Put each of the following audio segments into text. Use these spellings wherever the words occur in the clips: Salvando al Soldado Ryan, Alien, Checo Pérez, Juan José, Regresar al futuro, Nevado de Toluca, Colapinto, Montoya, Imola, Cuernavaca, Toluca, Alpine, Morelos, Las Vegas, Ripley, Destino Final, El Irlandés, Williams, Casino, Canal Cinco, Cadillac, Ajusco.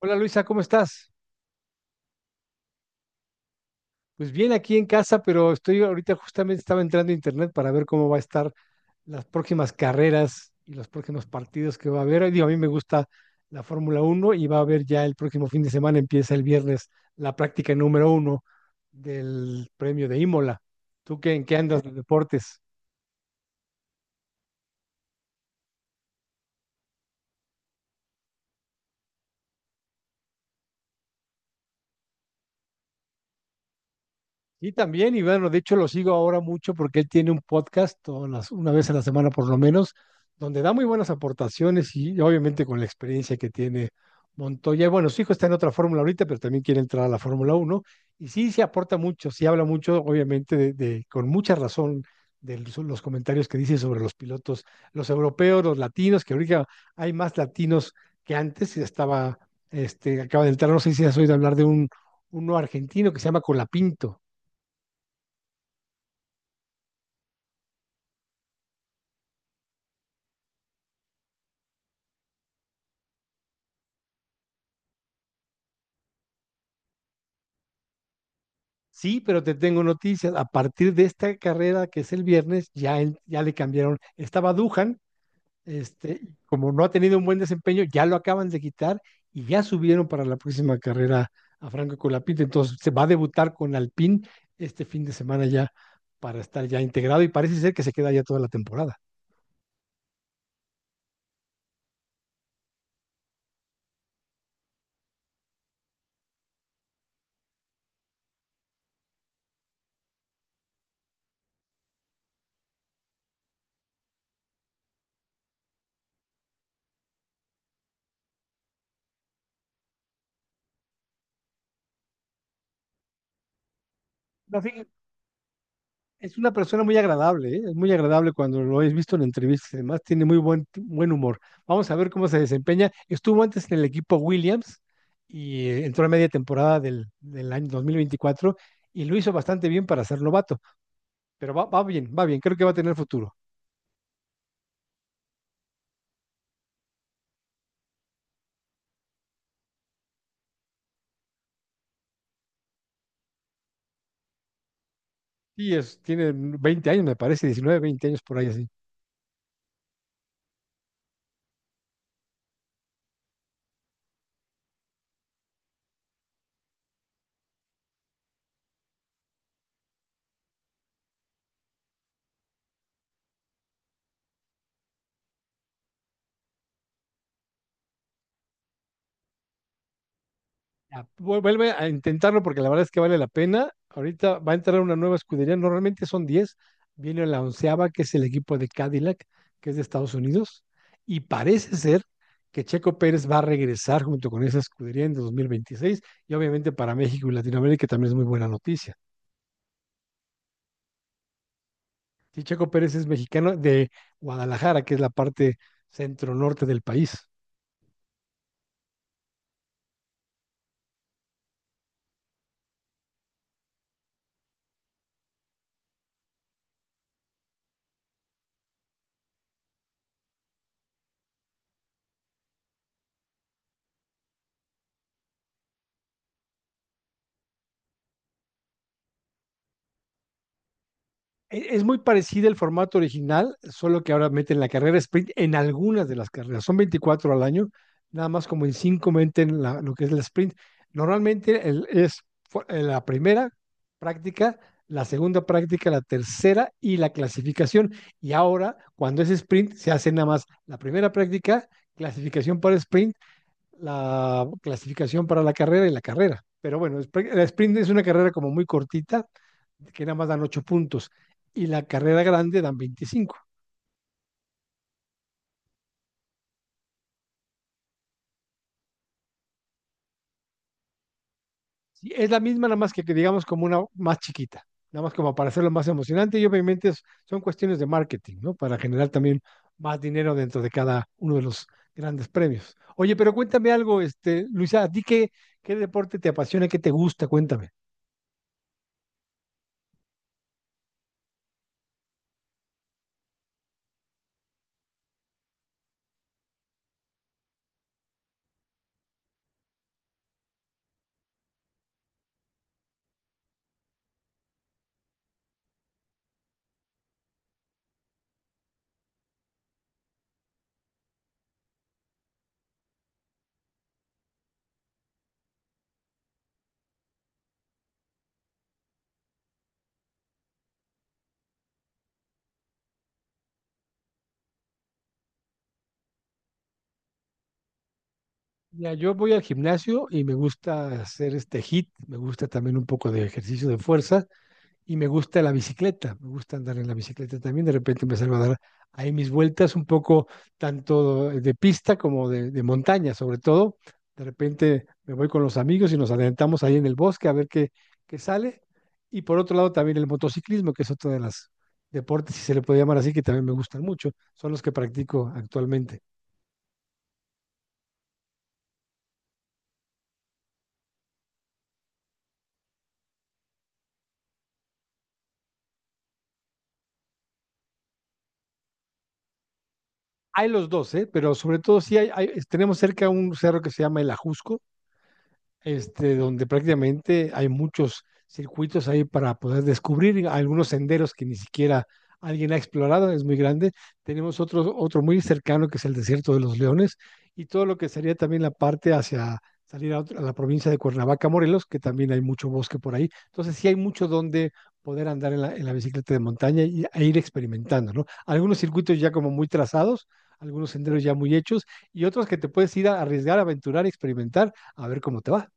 Hola Luisa, ¿cómo estás? Pues bien aquí en casa, pero estoy ahorita justamente estaba entrando a internet para ver cómo va a estar las próximas carreras y los próximos partidos que va a haber. Digo, a mí me gusta la Fórmula Uno y va a haber ya el próximo fin de semana, empieza el viernes, la práctica número uno del premio de Imola. ¿Tú qué, en qué andas de deportes? Sí, también, y bueno, de hecho lo sigo ahora mucho porque él tiene un podcast una vez a la semana por lo menos, donde da muy buenas aportaciones y obviamente con la experiencia que tiene Montoya. Y bueno, su hijo está en otra fórmula ahorita, pero también quiere entrar a la Fórmula uno y sí, se aporta mucho, sí habla mucho, obviamente, con mucha razón de los comentarios que dice sobre los pilotos, los europeos, los latinos, que ahorita hay más latinos que antes, acaba de entrar, no sé si has oído hablar uno argentino que se llama Colapinto. Sí, pero te tengo noticias. A partir de esta carrera que es el viernes, ya, ya le cambiaron. Estaba Duhan, este, como no ha tenido un buen desempeño, ya lo acaban de quitar y ya subieron para la próxima carrera a Franco Colapinto. Entonces se va a debutar con Alpine este fin de semana ya para estar ya integrado y parece ser que se queda ya toda la temporada. Es una persona muy agradable, ¿eh? Es muy agradable cuando lo he visto en entrevistas y demás. Tiene muy buen, buen humor. Vamos a ver cómo se desempeña. Estuvo antes en el equipo Williams y entró a media temporada del año 2024 y lo hizo bastante bien para ser novato. Pero va, va bien, va bien. Creo que va a tener futuro. Y es, tiene 20 años, me parece, 19, 20 años por ahí así. Ya, vuelve a intentarlo porque la verdad es que vale la pena. Ahorita va a entrar una nueva escudería, normalmente son diez, viene la onceava, que es el equipo de Cadillac, que es de Estados Unidos, y parece ser que Checo Pérez va a regresar junto con esa escudería en 2026 y obviamente para México y Latinoamérica también es muy buena noticia. Sí, Checo Pérez es mexicano de Guadalajara, que es la parte centro-norte del país. Es muy parecido el formato original, solo que ahora meten la carrera sprint en algunas de las carreras. Son 24 al año, nada más como en 5 meten lo que es la sprint. Normalmente la primera práctica, la segunda práctica, la tercera y la clasificación. Y ahora, cuando es sprint, se hace nada más la primera práctica, clasificación para sprint, la clasificación para la carrera y la carrera. Pero bueno, la sprint es una carrera como muy cortita, que nada más dan 8 puntos, y la carrera grande dan 25. Sí, es la misma, nada más que digamos como una más chiquita, nada más como para hacerlo más emocionante y obviamente son cuestiones de marketing, ¿no? Para generar también más dinero dentro de cada uno de los grandes premios. Oye, pero cuéntame algo, este, Luisa, ¿a ti qué, qué deporte te apasiona, qué te gusta? Cuéntame. Mira, yo voy al gimnasio y me gusta hacer este hit, me gusta también un poco de ejercicio de fuerza y me gusta la bicicleta, me gusta andar en la bicicleta también. De repente empezar a dar ahí mis vueltas un poco tanto de pista como de montaña, sobre todo. De repente me voy con los amigos y nos adelantamos ahí en el bosque a ver qué, qué sale. Y por otro lado también el motociclismo, que es otro de los deportes, si se le puede llamar así, que también me gustan mucho, son los que practico actualmente. Hay los dos, ¿eh? Pero sobre todo sí hay, tenemos cerca un cerro que se llama el Ajusco, este, donde prácticamente hay muchos circuitos ahí para poder descubrir algunos senderos que ni siquiera alguien ha explorado, es muy grande. Tenemos otro, otro muy cercano que es el desierto de los leones y todo lo que sería también la parte hacia a la provincia de Cuernavaca, Morelos, que también hay mucho bosque por ahí. Entonces sí hay mucho donde poder andar en la bicicleta de montaña y, e ir experimentando, ¿no? Algunos circuitos ya como muy trazados, algunos senderos ya muy hechos y otros que te puedes ir a arriesgar, aventurar, experimentar, a ver cómo te va.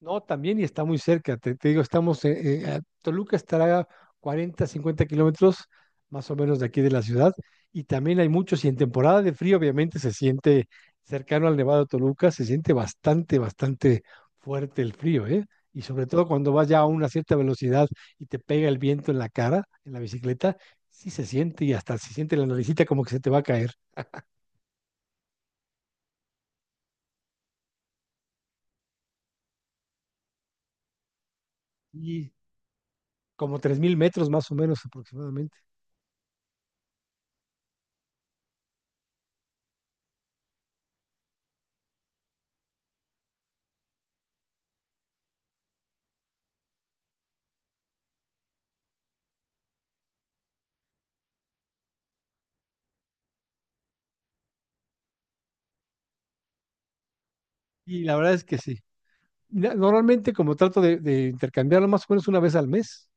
No, también y está muy cerca. Te digo, a Toluca estará a 40, 50 kilómetros más o menos de aquí de la ciudad. Y también hay muchos, y en temporada de frío obviamente se siente cercano al Nevado de Toluca, se siente bastante, bastante fuerte el frío, ¿eh? Y sobre todo cuando vas ya a una cierta velocidad y te pega el viento en la cara, en la bicicleta, sí se siente y hasta se siente la naricita como que se te va a caer. Y como 3000 metros más o menos aproximadamente. Y la verdad es que sí. Normalmente como trato de intercambiarlo más o menos una vez al mes,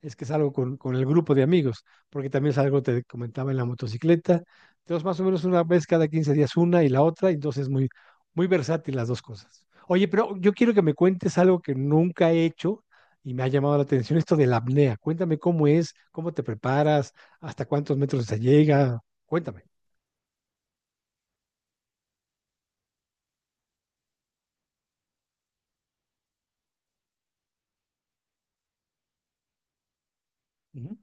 es que salgo con el grupo de amigos, porque también salgo, te comentaba, en la motocicleta. Entonces, más o menos una vez cada 15 días una y la otra, entonces es muy, muy versátil las dos cosas. Oye, pero yo quiero que me cuentes algo que nunca he hecho y me ha llamado la atención, esto de la apnea. Cuéntame cómo es, cómo te preparas, hasta cuántos metros se llega. Cuéntame. Ujú.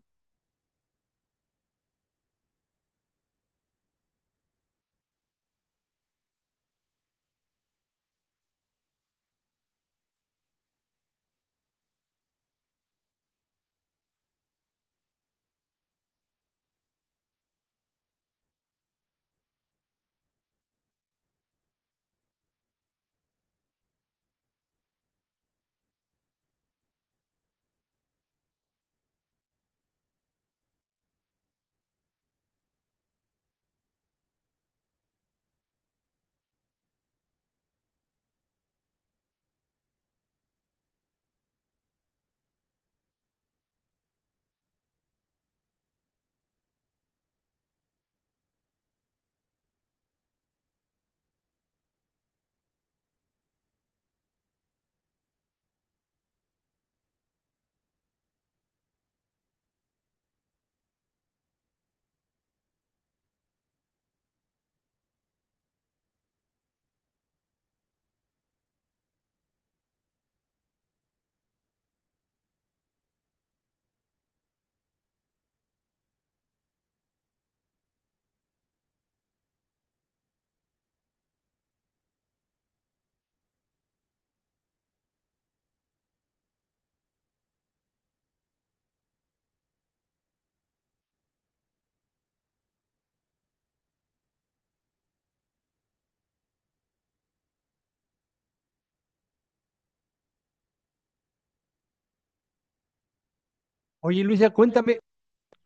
Oye, Luisa, cuéntame.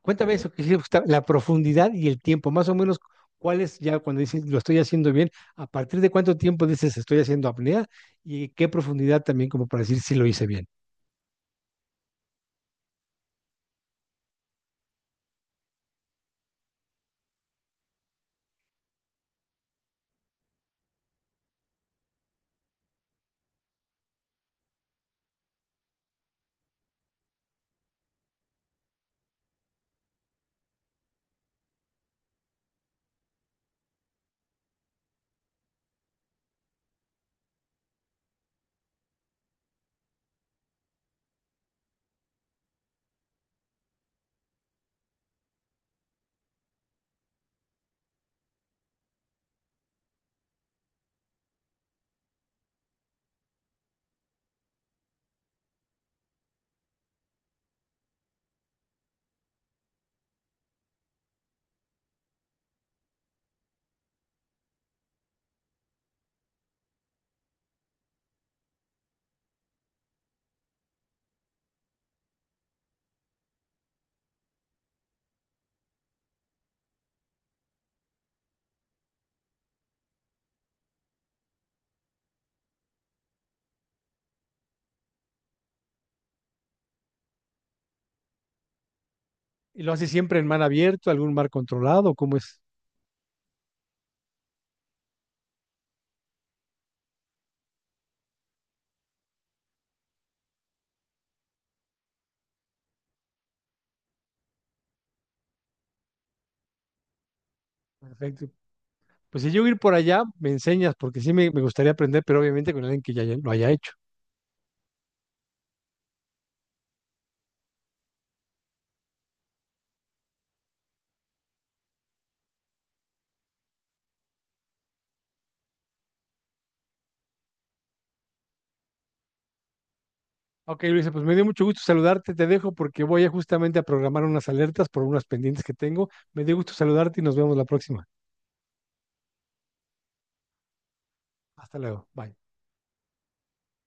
Cuéntame eso que sí, Gustavo, la profundidad y el tiempo, más o menos, ¿cuál es ya cuando dices lo estoy haciendo bien? ¿A partir de cuánto tiempo dices estoy haciendo apnea? ¿Y qué profundidad también como para decir si lo hice bien? ¿Y lo haces siempre en mar abierto, algún mar controlado? ¿Cómo es? Perfecto. Pues si yo ir por allá, me enseñas, porque sí me gustaría aprender, pero obviamente con alguien que ya lo haya hecho. Ok, Luisa, pues me dio mucho gusto saludarte, te dejo porque voy a justamente a programar unas alertas por unas pendientes que tengo. Me dio gusto saludarte y nos vemos la próxima. Hasta luego. Bye.